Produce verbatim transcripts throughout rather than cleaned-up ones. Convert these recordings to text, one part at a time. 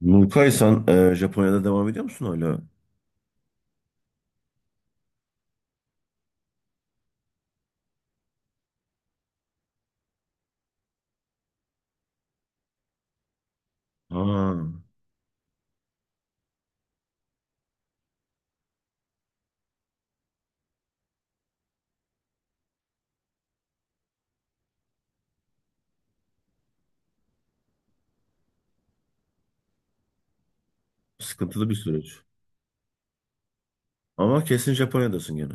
Nurkay sen e, Japonya'da devam ediyor musun hala? Aa, sıkıntılı bir süreç. Ama kesin Japonya'dasın gene.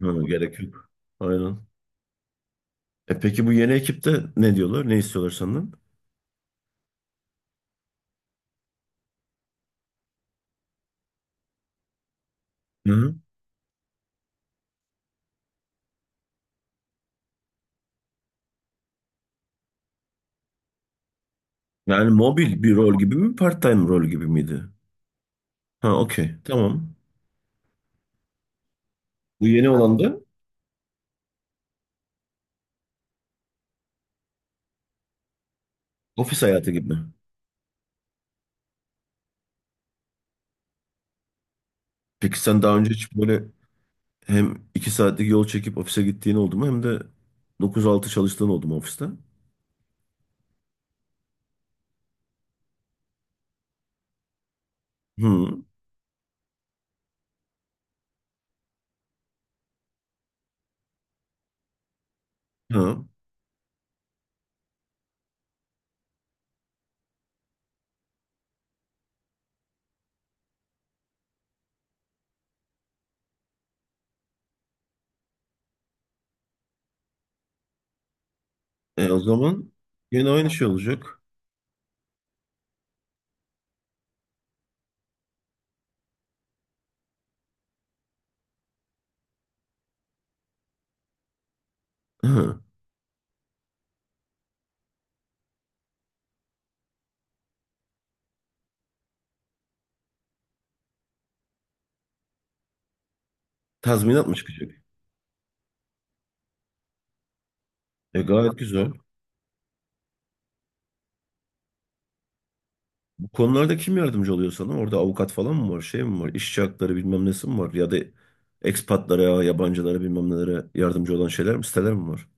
Hı, gerek yok. Aynen. E peki bu yeni ekipte ne diyorlar? Ne istiyorlar senden? Hı hı. Yani mobil bir rol gibi mi? Part-time rol gibi miydi? Ha, okey. Tamam. Bu yeni olan da ofis hayatı gibi. Peki sen daha önce hiç böyle hem iki saatlik yol çekip ofise gittiğin oldu mu, hem de dokuz altı çalıştığın oldu mu ofiste? Hı. Ha. E, o zaman yine aynı şey olacak. Hı, tazminat mı çıkacak? E, gayet güzel. Bu konularda kim yardımcı oluyor sana? Orada avukat falan mı var? Şey mi var? İşçi hakları bilmem nesi mi var? Ya da ekspatlara, yabancılara bilmem nelere yardımcı olan şeyler mi? Siteler mi var?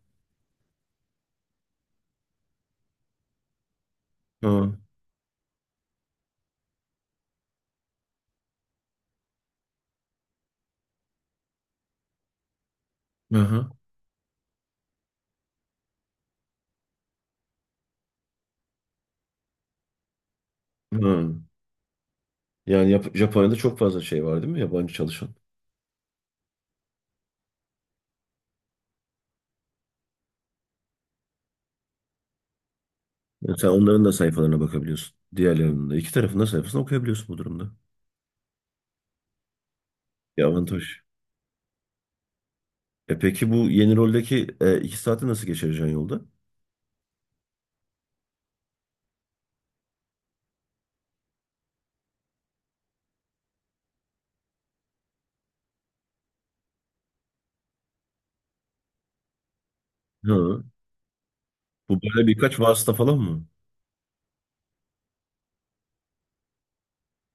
Hı. Hı hı. Yani Yap- Japonya'da çok fazla şey var değil mi? Yabancı çalışan. Yani sen onların da sayfalarına bakabiliyorsun. Diğerlerinin de. İki tarafın da sayfasına okuyabiliyorsun bu durumda. Bir avantaj. E peki bu yeni roldeki e, iki saati nasıl geçireceksin yolda? Hı. Bu böyle birkaç vasıta falan mı?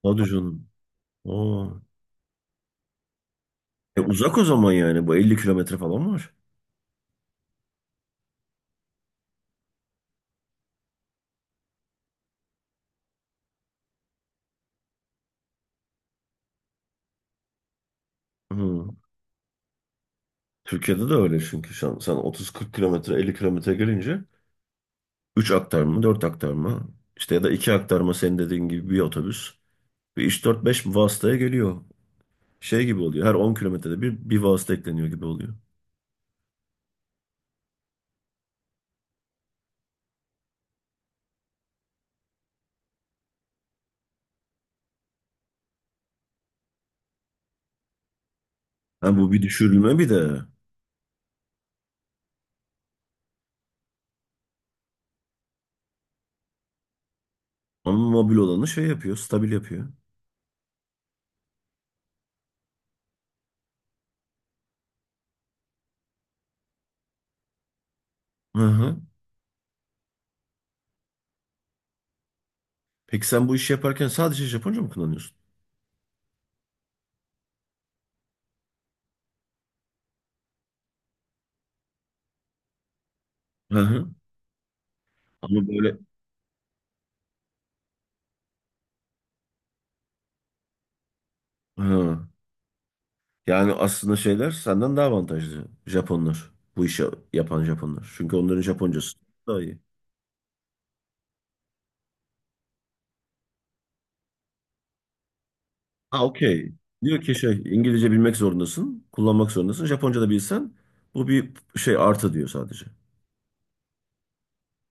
Hadi canım. Aa. E, uzak o zaman yani. Bu elli kilometre falan var. Hı. Türkiye'de de öyle çünkü. Şu an sen otuz kırk kilometre, elli kilometre gelince üç aktarma, dört aktarma işte, ya da iki aktarma senin dediğin gibi bir otobüs. Bir üç dört-beş vasıtaya geliyor. Şey gibi oluyor. Her on kilometrede bir, bir vasıta ekleniyor gibi oluyor. Ha, bu bir düşürülme bir de. Ama mobil olanı şey yapıyor. Stabil yapıyor. Hı hı. Peki sen bu işi yaparken sadece Japonca mı kullanıyorsun? Hı hı. Ama böyle... Hı. Yani aslında şeyler senden daha avantajlı. Japonlar. Bu işi yapan Japonlar. Çünkü onların Japoncası daha iyi. Ha, okey. Diyor ki şey, İngilizce bilmek zorundasın. Kullanmak zorundasın. Japonca da bilsen bu bir şey artı diyor sadece.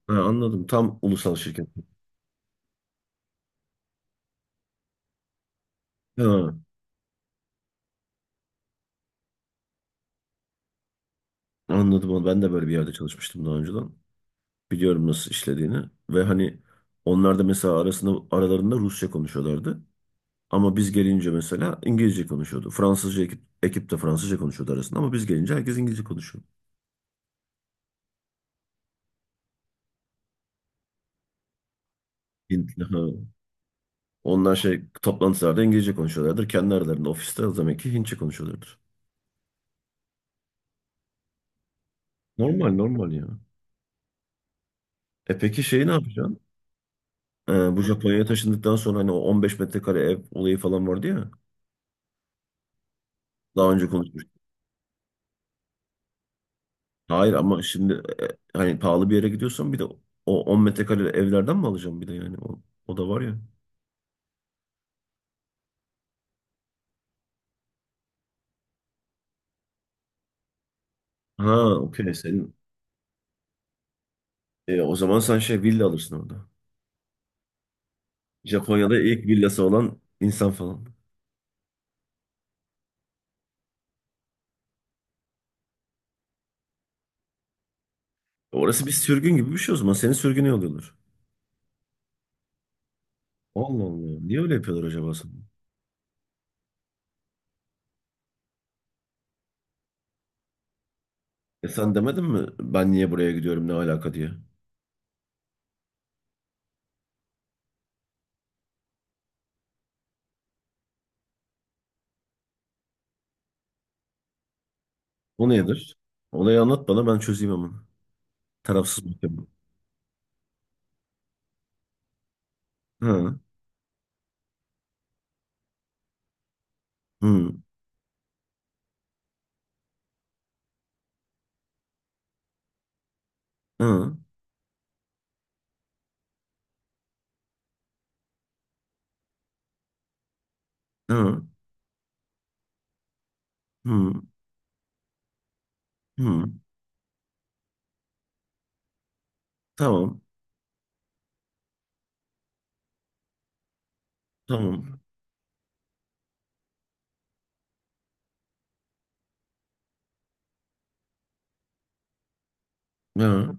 Ha, anladım. Tam ulusal şirket. Ha, anladım onu. Ben de böyle bir yerde çalışmıştım daha önceden. Biliyorum nasıl işlediğini. Ve hani onlar da mesela arasında, aralarında Rusça konuşuyorlardı. Ama biz gelince mesela İngilizce konuşuyordu. Fransızca ekip, ekip de Fransızca konuşuyordu arasında, ama biz gelince herkes İngilizce konuşuyor. Hintli, ha. Onlar şey toplantılarda İngilizce konuşuyorlardır. Kendi aralarında ofiste o demek ki Hintçe konuşuyorlardır. Normal normal ya. E peki şeyi ne yapacaksın? Ee, bu Japonya'ya taşındıktan sonra hani o on beş metrekare ev olayı falan vardı ya. Daha önce konuşmuştuk. Hayır, ama şimdi e, hani pahalı bir yere gidiyorsan bir de o on metrekare evlerden mi alacaksın bir de, yani o, o da var ya. Ha, okey, senin e, o zaman sen şey villa alırsın orada. Japonya'da ilk villası olan insan falan. Orası bir sürgün gibi bir şey o zaman. Seni sürgüne yolluyorlar. Allah Allah. Niye öyle yapıyorlar acaba sana? E, sen demedin mi ben niye buraya gidiyorum, ne alaka diye? O nedir? Olayı anlat bana, ben çözeyim ama. Tarafsız bakayım. Hı hı, hı hı, hı hı. Tamam, tamam. Hı.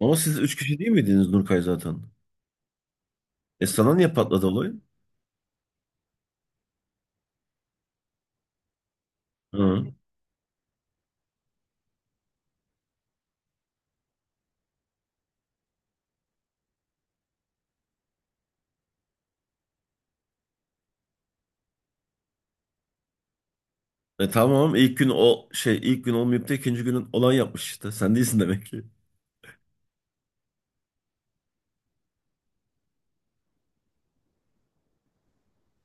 Ama siz üç kişi değil miydiniz Nurkay zaten? E, sana niye patladı olay? Hı. E tamam, ilk gün o şey, ilk gün olmayıp da ikinci günün olan yapmış işte. Sen değilsin demek ki.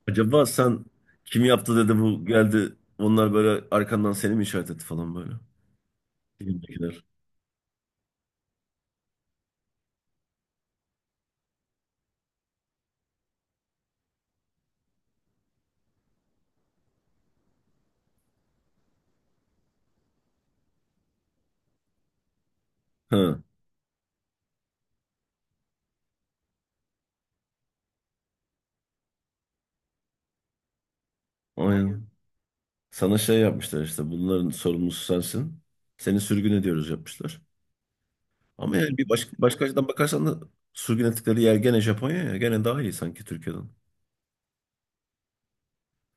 Acaba sen, kim yaptı dedi bu geldi. Onlar böyle arkandan seni mi işaret etti falan böyle. Filmdekiler. Ha, aynen. Sana şey yapmışlar, işte bunların sorumlusu sensin. Seni sürgün ediyoruz yapmışlar. Ama yani bir başka, başka açıdan bakarsan da sürgün ettikleri yer gene Japonya ya. Gene daha iyi sanki Türkiye'den.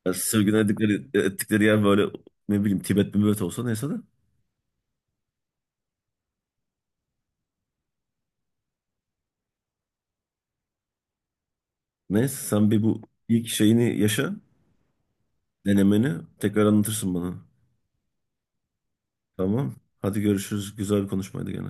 Ya sürgün ettikleri, ettikleri yer böyle ne bileyim Tibet Tibet olsa neyse de. Neyse sen bir bu ilk şeyini yaşa. Denemeni tekrar anlatırsın bana. Tamam. Hadi görüşürüz. Güzel bir konuşmaydı gene.